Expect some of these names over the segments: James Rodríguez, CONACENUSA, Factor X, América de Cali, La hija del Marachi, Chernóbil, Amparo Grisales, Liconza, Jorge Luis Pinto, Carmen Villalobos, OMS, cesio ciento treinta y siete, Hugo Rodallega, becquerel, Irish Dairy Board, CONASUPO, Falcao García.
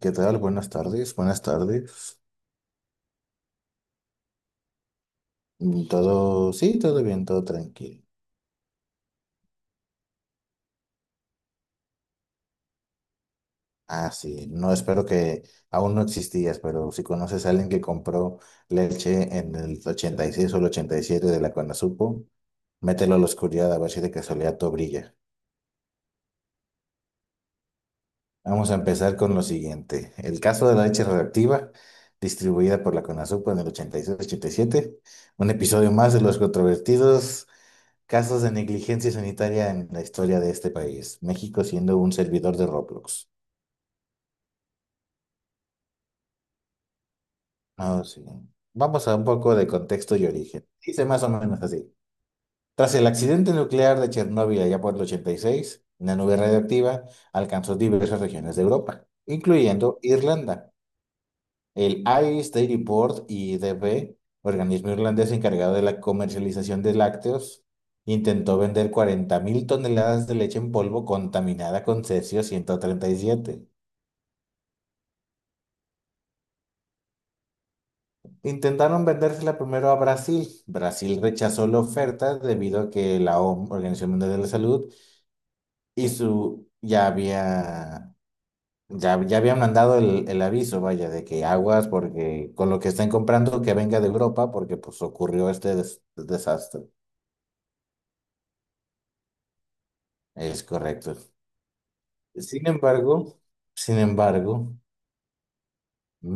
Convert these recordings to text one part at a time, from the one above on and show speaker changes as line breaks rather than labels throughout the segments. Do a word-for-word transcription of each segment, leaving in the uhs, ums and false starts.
¿Qué tal? Buenas tardes, buenas tardes. Mm, Todo, sí, todo bien, todo tranquilo. Ah, sí, no espero que aún no existías, pero si conoces a alguien que compró leche en el ochenta y seis o el ochenta y siete de la Conasupo, mételo a la oscuridad a ver si de casualidad todo brilla. Vamos a empezar con lo siguiente. El caso de la leche radioactiva, distribuida por la CONASUPO en el ochenta ochenta y seis y siete, un episodio más de los controvertidos casos de negligencia sanitaria en la historia de este país, México siendo un servidor de Roblox. Ah, sí. Vamos a un poco de contexto y origen. Dice más o menos así. Tras el accidente nuclear de Chernóbil allá por el ochenta y seis, una nube radioactiva alcanzó diversas regiones de Europa, incluyendo Irlanda. El Irish Dairy Board, I D B, organismo irlandés encargado de la comercialización de lácteos, intentó vender cuarenta mil toneladas de leche en polvo contaminada con cesio ciento treinta y siete. Intentaron vendérsela primero a Brasil. Brasil rechazó la oferta debido a que la O M S, Organización Mundial de la Salud, y su ya había ya, ya habían mandado el, el aviso, vaya, de que aguas porque con lo que están comprando que venga de Europa porque pues ocurrió este des- desastre. Es correcto. Sin embargo, sin embargo,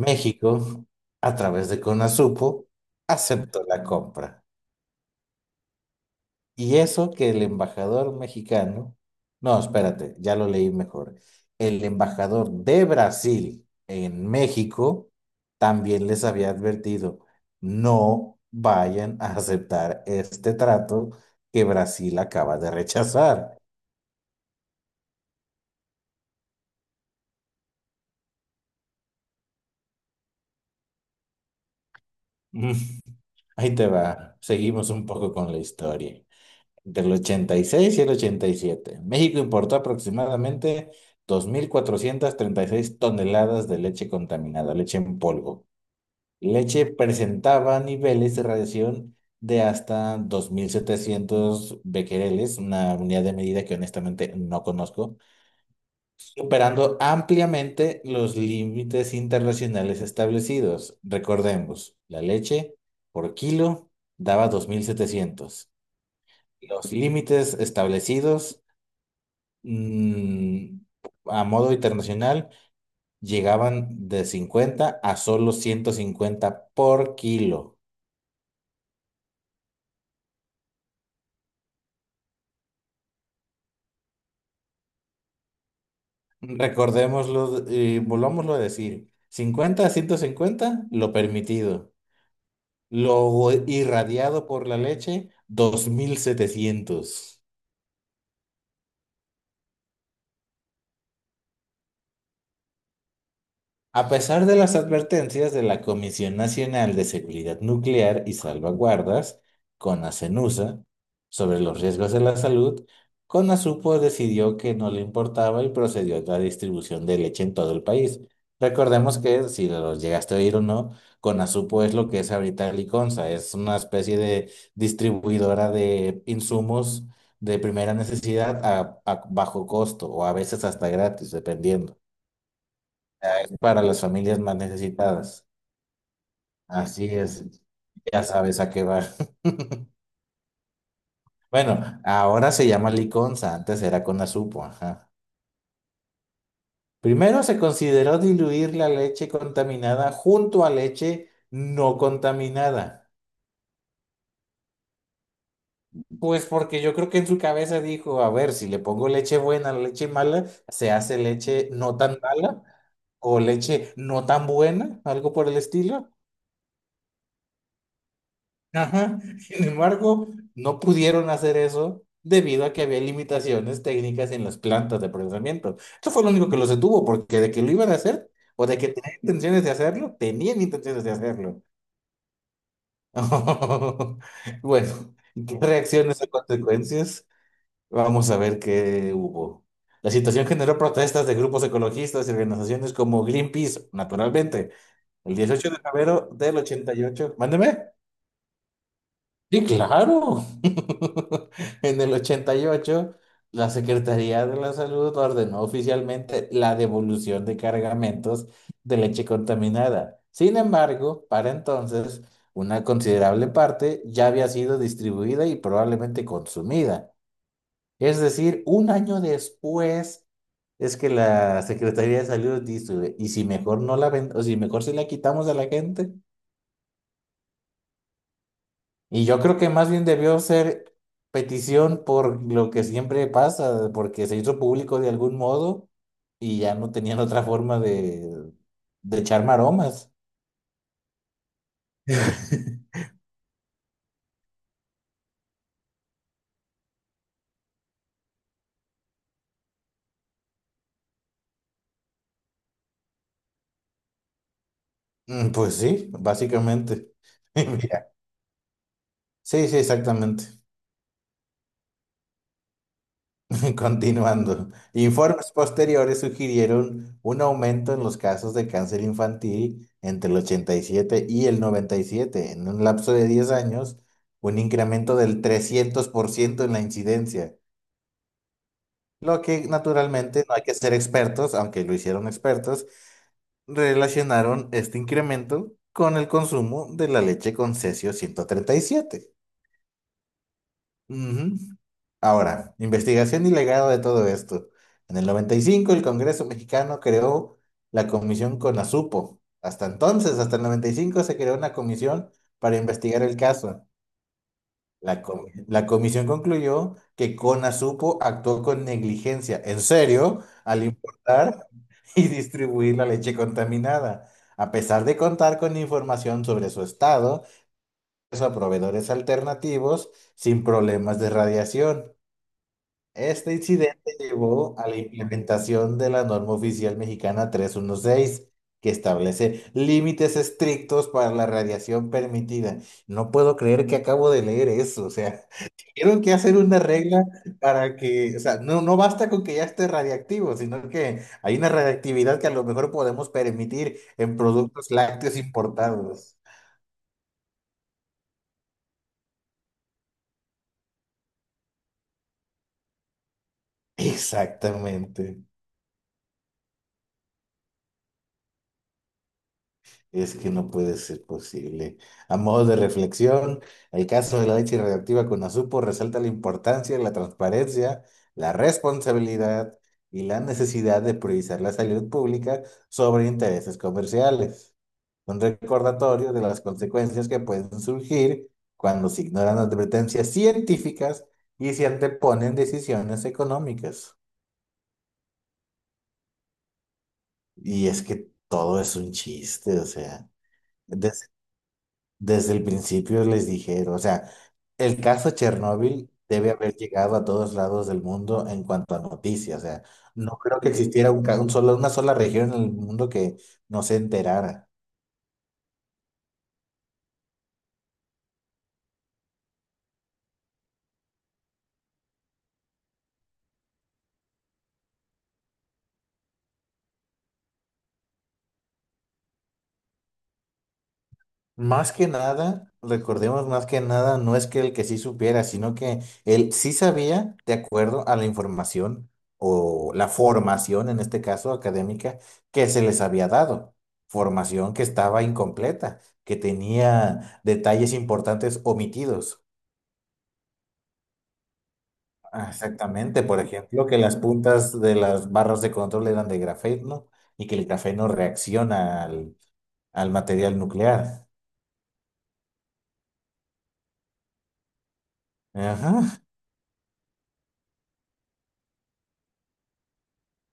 México, a través de CONASUPO, aceptó la compra. Y eso que el embajador mexicano, no, espérate, ya lo leí mejor. El embajador de Brasil en México también les había advertido, no vayan a aceptar este trato que Brasil acaba de rechazar. Ahí te va. Seguimos un poco con la historia. Entre el ochenta y seis y seis y el ochenta y siete, México importó aproximadamente dos mil cuatrocientas treinta y seis toneladas de leche contaminada, leche en polvo. Leche presentaba niveles de radiación de hasta dos mil setecientos becquereles, una unidad de medida que honestamente no conozco, superando ampliamente los límites internacionales establecidos. Recordemos, la leche por kilo daba dos mil setecientos. Los límites establecidos mm, a modo internacional llegaban de cincuenta a solo ciento cincuenta por kilo. Recordémoslo y volvámoslo a decir, cincuenta a ciento cincuenta lo permitido. Lo irradiado por la leche, dos mil setecientos. A pesar de las advertencias de la Comisión Nacional de Seguridad Nuclear y Salvaguardas, CONACENUSA, sobre los riesgos de la salud, CONASUPO decidió que no le importaba y procedió a la distribución de leche en todo el país. Recordemos que, si lo llegaste a oír o no, CONASUPO es lo que es ahorita Liconza, es una especie de distribuidora de insumos de primera necesidad a a bajo costo o a veces hasta gratis, dependiendo es para las familias más necesitadas. Así es, ya sabes a qué va. Bueno, ahora se llama liconza, antes era Conasupo. Ajá. Primero se consideró diluir la leche contaminada junto a leche no contaminada. Pues porque yo creo que en su cabeza dijo, a ver, si le pongo leche buena a la leche mala, se hace leche no tan mala o leche no tan buena, algo por el estilo. Ajá. Sin embargo, no pudieron hacer eso debido a que había limitaciones técnicas en las plantas de procesamiento. Eso fue lo único que los detuvo, porque de que lo iban a hacer o de que tenían intenciones de hacerlo, tenían intenciones de hacerlo. Bueno, ¿qué reacciones o consecuencias? Vamos a ver qué hubo. La situación generó protestas de grupos ecologistas y organizaciones como Greenpeace, naturalmente, el dieciocho de febrero del ochenta y ocho. Mándeme. Sí, claro. En el ochenta y ocho, la Secretaría de la Salud ordenó oficialmente la devolución de cargamentos de leche contaminada. Sin embargo, para entonces, una considerable parte ya había sido distribuida y probablemente consumida. Es decir, un año después es que la Secretaría de Salud dice, ¿y si mejor no la ven, o si mejor si la quitamos a la gente? Y yo creo que más bien debió ser petición por lo que siempre pasa, porque se hizo público de algún modo y ya no tenían otra forma de, de echar maromas. Mm, Pues sí, básicamente. Mira, sí, sí, exactamente. Continuando. Informes posteriores sugirieron un aumento en los casos de cáncer infantil entre el ochenta y siete y el noventa y siete. En un lapso de diez años, un incremento del trescientos por ciento en la incidencia. Lo que naturalmente no hay que ser expertos, aunque lo hicieron expertos, relacionaron este incremento con el consumo de la leche con cesio ciento treinta y siete. Ujú. Ahora, investigación y legado de todo esto. En el noventa y cinco el Congreso mexicano creó la comisión CONASUPO. Hasta entonces, hasta el noventa y cinco se creó una comisión para investigar el caso. La, com- la comisión concluyó que Conasupo actuó con negligencia, en serio, al importar y distribuir la leche contaminada, a pesar de contar con información sobre su estado, a proveedores alternativos sin problemas de radiación. Este incidente llevó a la implementación de la norma oficial mexicana trescientos dieciséis, que establece límites estrictos para la radiación permitida. No puedo creer que acabo de leer eso, o sea. Tienen que hacer una regla para que, o sea, no, no basta con que ya esté radiactivo, sino que hay una radiactividad que a lo mejor podemos permitir en productos lácteos importados. Exactamente. Es que no puede ser posible. A modo de reflexión, el caso de la leche radioactiva con Azupo resalta la importancia, de la transparencia, la responsabilidad y la necesidad de priorizar la salud pública sobre intereses comerciales. Un recordatorio de las consecuencias que pueden surgir cuando se ignoran advertencias científicas y se anteponen decisiones económicas. Y es que todo es un chiste, o sea. Desde el principio les dijeron, o sea, el caso Chernóbil debe haber llegado a todos lados del mundo en cuanto a noticias, o sea, no creo que existiera un, ca- un solo- una sola región en el mundo que no se enterara. Más que nada, recordemos más que nada, no es que el que sí supiera, sino que él sí sabía de acuerdo a la información o la formación, en este caso académica, que se les había dado. Formación que estaba incompleta, que tenía detalles importantes omitidos. Ah, exactamente, por ejemplo, que las puntas de las barras de control eran de grafeno y que el grafeno reacciona al, al material nuclear. Ajá.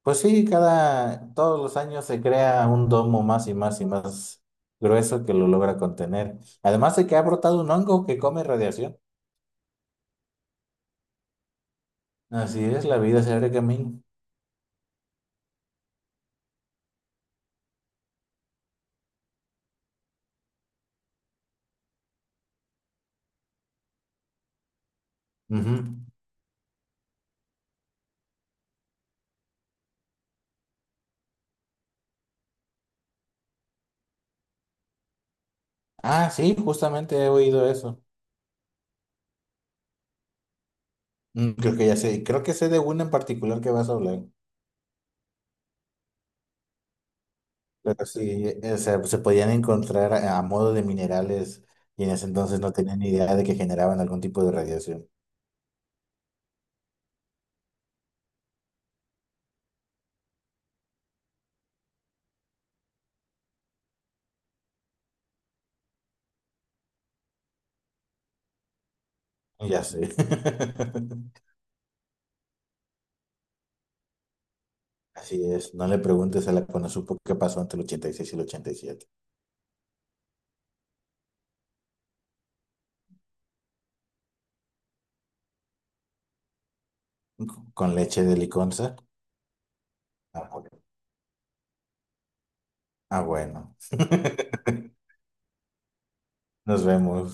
Pues sí, cada, todos los años se crea un domo más y más y más grueso que lo logra contener. Además de que ha brotado un hongo que come radiación. Así es, la vida se abre camino. Ujú. Ah, sí, justamente he oído eso. Mm, Creo que ya sé, creo que sé de una en particular que vas a hablar. Pero sí, eh, o sea, se podían encontrar a, a modo de minerales y en ese entonces no tenían ni idea de que generaban algún tipo de radiación. Ya sé. Así es, no le preguntes a la Conosupo qué pasó entre el ochenta y seis y el ochenta y siete. Con leche de liconza. Ah, bueno. Ah, bueno. Nos vemos.